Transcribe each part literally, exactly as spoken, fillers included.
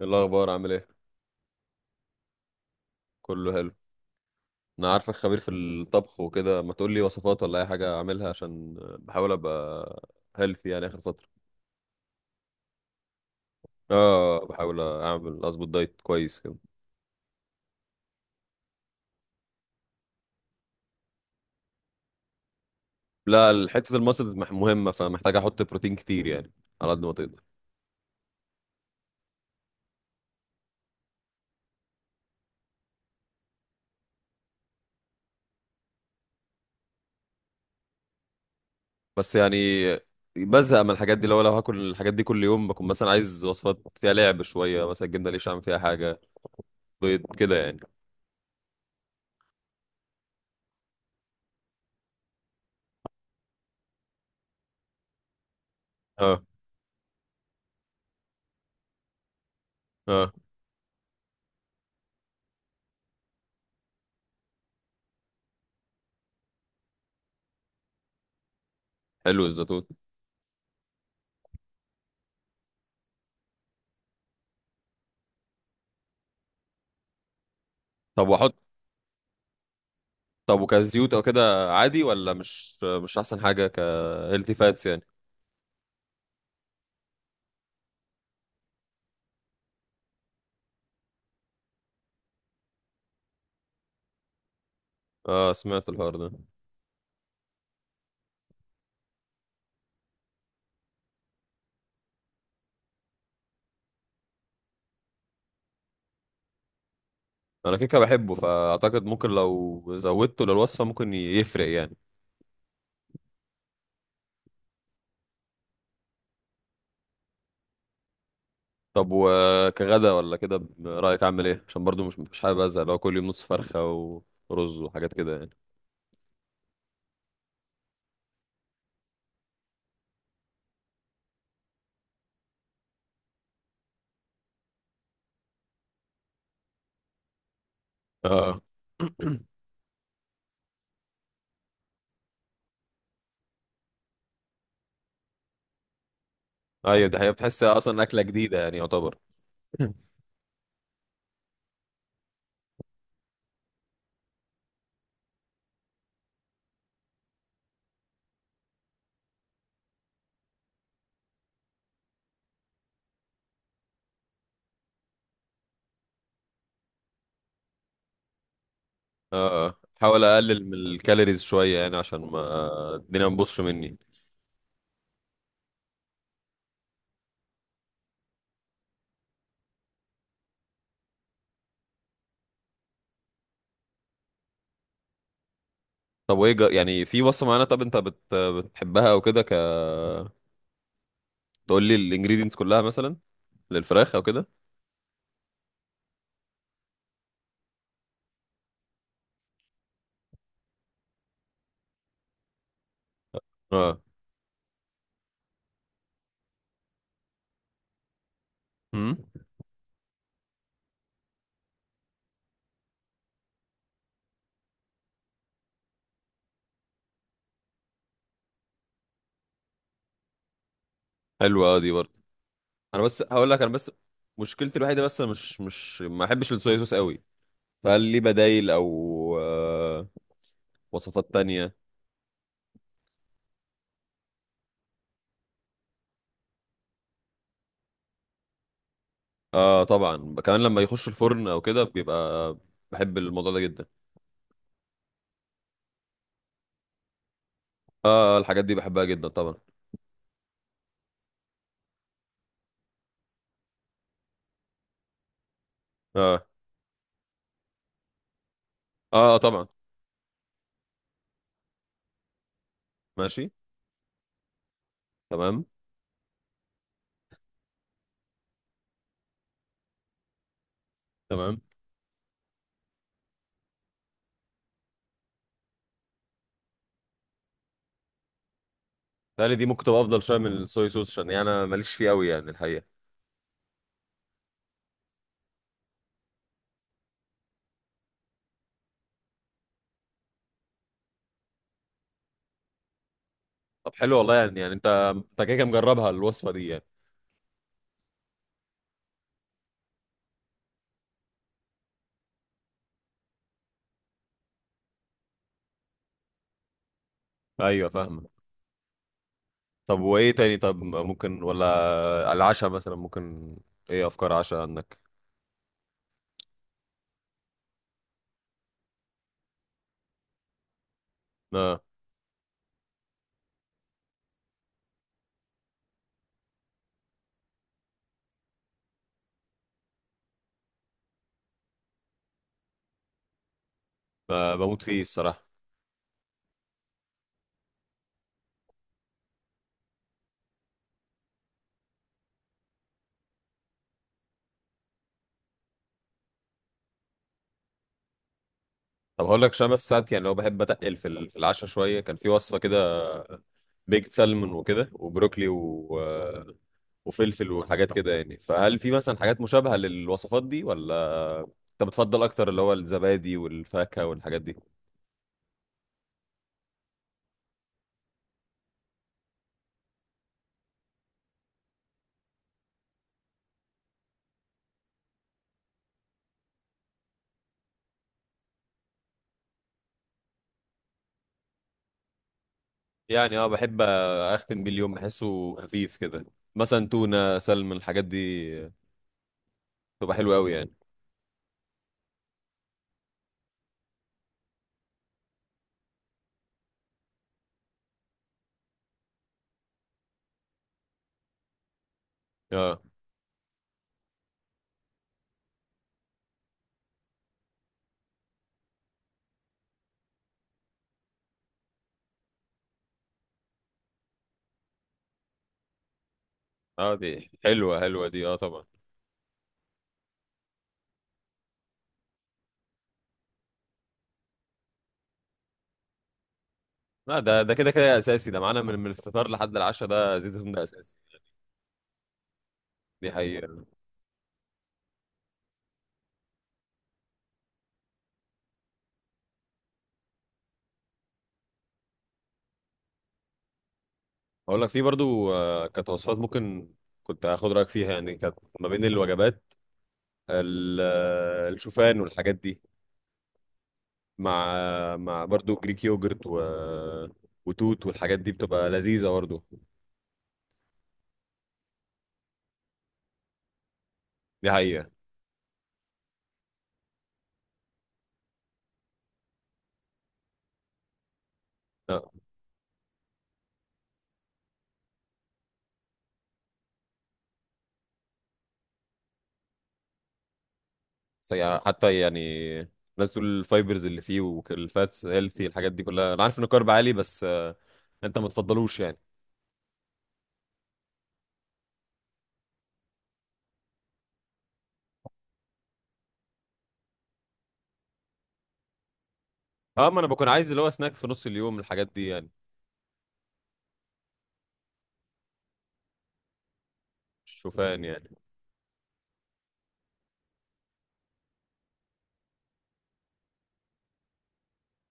إيه الاخبار عامل ايه؟ كله حلو. انا عارفك خبير في الطبخ وكده، ما تقول لي وصفات ولا اي حاجه اعملها عشان بحاول ابقى هيلثي يعني اخر فتره. اه، بحاول اعمل، اظبط دايت كويس كده. لا، حته المسلز مح- مهمه، فمحتاج احط بروتين كتير يعني، على قد ما تقدر. بس يعني بزهق من الحاجات دي. لو لو هاكل الحاجات دي كل يوم، بكون مثلا عايز وصفات فيها لعب شويه، مثلا الجبنه ليش اعمل فيها حاجه، بيض كده يعني. اه، اه. حلو الزيتون. طب واحط، طب وكزيوت او كده عادي ولا مش مش احسن حاجه كهيلثي فاتس يعني؟ اه، سمعت الحوار ده. انا كيكه بحبه، فاعتقد ممكن لو زودته للوصفه ممكن يفرق يعني. طب وكغدا ولا كده ب- رايك اعمل ايه؟ عشان برضو مش مش حابب ازهق لو كل يوم نص فرخه ورز وحاجات كده يعني. اه. ايوه، ده هي بتحس اصلا اكله جديده يعني يعتبر. اه، آه. حاول اقلل من الكالوريز شويه يعني، عشان ما الدنيا ما تبوظش مني. طب وايه؟ جا- يعني في وصفه معينه طب انت بت... بتحبها او كده، ك، تقول لي الانجريدينتس كلها مثلا للفراخ او كده. اه. امم. حلوه اه، دي برضه. انا بس هقول لك، انا بس مشكلتي الوحيده بس انا مش مش ما احبش الصويا صوص قوي. فهل لي بدايل او آه، وصفات تانية؟ اه طبعا، كمان لما يخش الفرن او كده بيبقى، بحب الموضوع ده جدا. اه الحاجات دي بحبها جدا طبعا. اه، اه طبعا. ماشي. تمام. تمام. تهيألي دي ممكن تبقى افضل شويه من الصويا صوص، عشان يعني انا ماليش فيه قوي يعني الحقيقه. طب حلو والله، يعني يعني انت، انت كده كده مجربها الوصفه دي يعني؟ ايوه فاهمه. طب وايه تاني؟ طب ممكن ولا، على العشاء مثلا، ممكن، ايه افكار عشاء عندك؟ اه، ب- بموت فيه الصراحه. طب هقول لك، عشان بس ساعات يعني لو بحب اتقل في ال- في العشاء شويه، كان في وصفه كده بيكت سالمون وكده وبروكلي و... وفلفل وحاجات كده يعني، فهل في مثلا حاجات مشابهه للوصفات دي ولا انت بتفضل اكتر اللي هو الزبادي والفاكهه والحاجات دي؟ يعني اه، بحب اختم بيه اليوم، بحسه خفيف كده. مثلا تونه، سلمون، الحاجات دي تبقى حلوه قوي يعني. اه، اه دي حلوه، حلوه دي، اه طبعا. لا ده، ده كده كده اساسي. ده معانا من من الفطار لحد العشاء، ده زيت الزيتون ده اساسي. دي حقيقة. اقول لك، في برضو آه، كانت وصفات ممكن كنت هاخد رايك فيها يعني، كانت ما بين الوجبات، ال- آه، الشوفان والحاجات دي، مع آه، مع برضو جريك يوجرت و... وتوت والحاجات دي بتبقى لذيذه برضو. دي حقيقه. لا سي- حتى يعني الناس تقول الفايبرز اللي فيه والفاتس هيلثي، الحاجات دي كلها، انا عارف ان الكارب عالي، بس آه، انت ما تفضلوش يعني؟ اه، ما انا بكون عايز اللي هو سناك في نص اليوم الحاجات دي يعني. الشوفان يعني.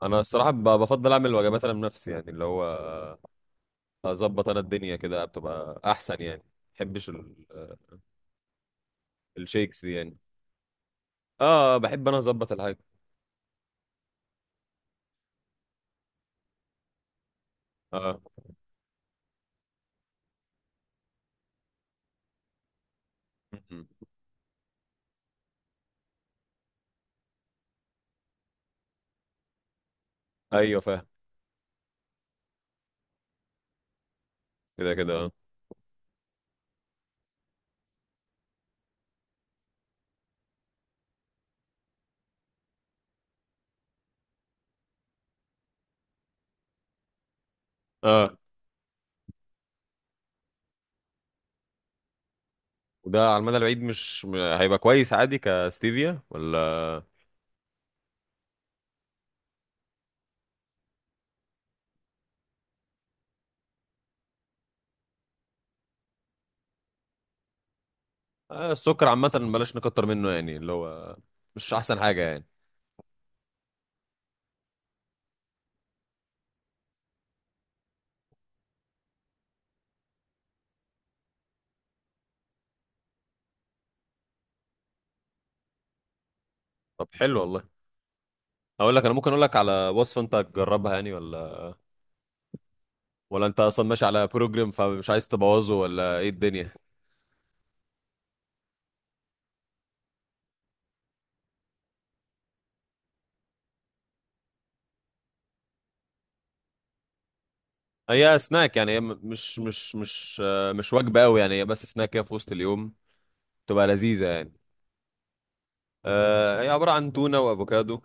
انا الصراحه ب- بفضل اعمل وجبات انا بنفسي يعني، اللي هو اظبط انا الدنيا كده بتبقى احسن يعني. ما بحبش ال- الشيكس دي يعني. اه بحب انا اظبط الحاجه. اه. م-م. ايوه فاهم. كده كده اه. اه، وده على المدى البعيد مش م- هيبقى كويس عادي كستيفيا ولا؟ آه السكر عامه بلاش نكتر منه يعني، اللي هو مش احسن حاجه يعني. طب حلو والله. اقول لك، انا ممكن اقول لك على وصفه انت تجربها يعني، ولا ولا انت اصلا ماشي على بروجرام فمش عايز تبوظه ولا ايه الدنيا؟ هي سناك يعني، هي م- مش مش مش آه، مش وجبة قوي يعني، هي بس سناك كده في وسط اليوم، تبقى لذيذة يعني. آه، هي عبارة عن تونة وافوكادو.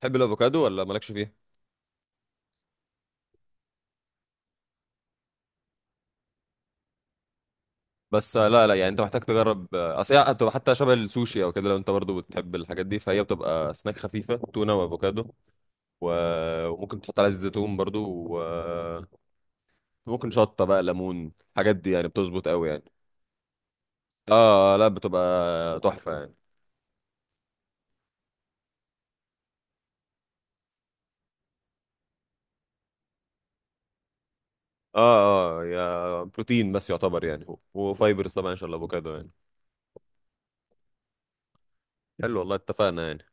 تحب الافوكادو ولا مالكش فيه؟ بس آه، لا لا يعني انت محتاج تجرب آه، اصل هي بتبقى حتى شبه السوشي او كده، لو انت برضو بتحب الحاجات دي، فهي بتبقى سناك خفيفة، تونة وافوكادو، و- وممكن تحط عليها زيت زيتون برضو، و، وممكن شطة بقى، ليمون، الحاجات دي يعني بتظبط قوي يعني. اه، آه، لا بتبقى تحفة يعني. اه، اه يا بروتين بس يعتبر يعني، وفايبرز طبعا ان شاء الله، افوكادو يعني. حلو والله، اتفقنا يعني.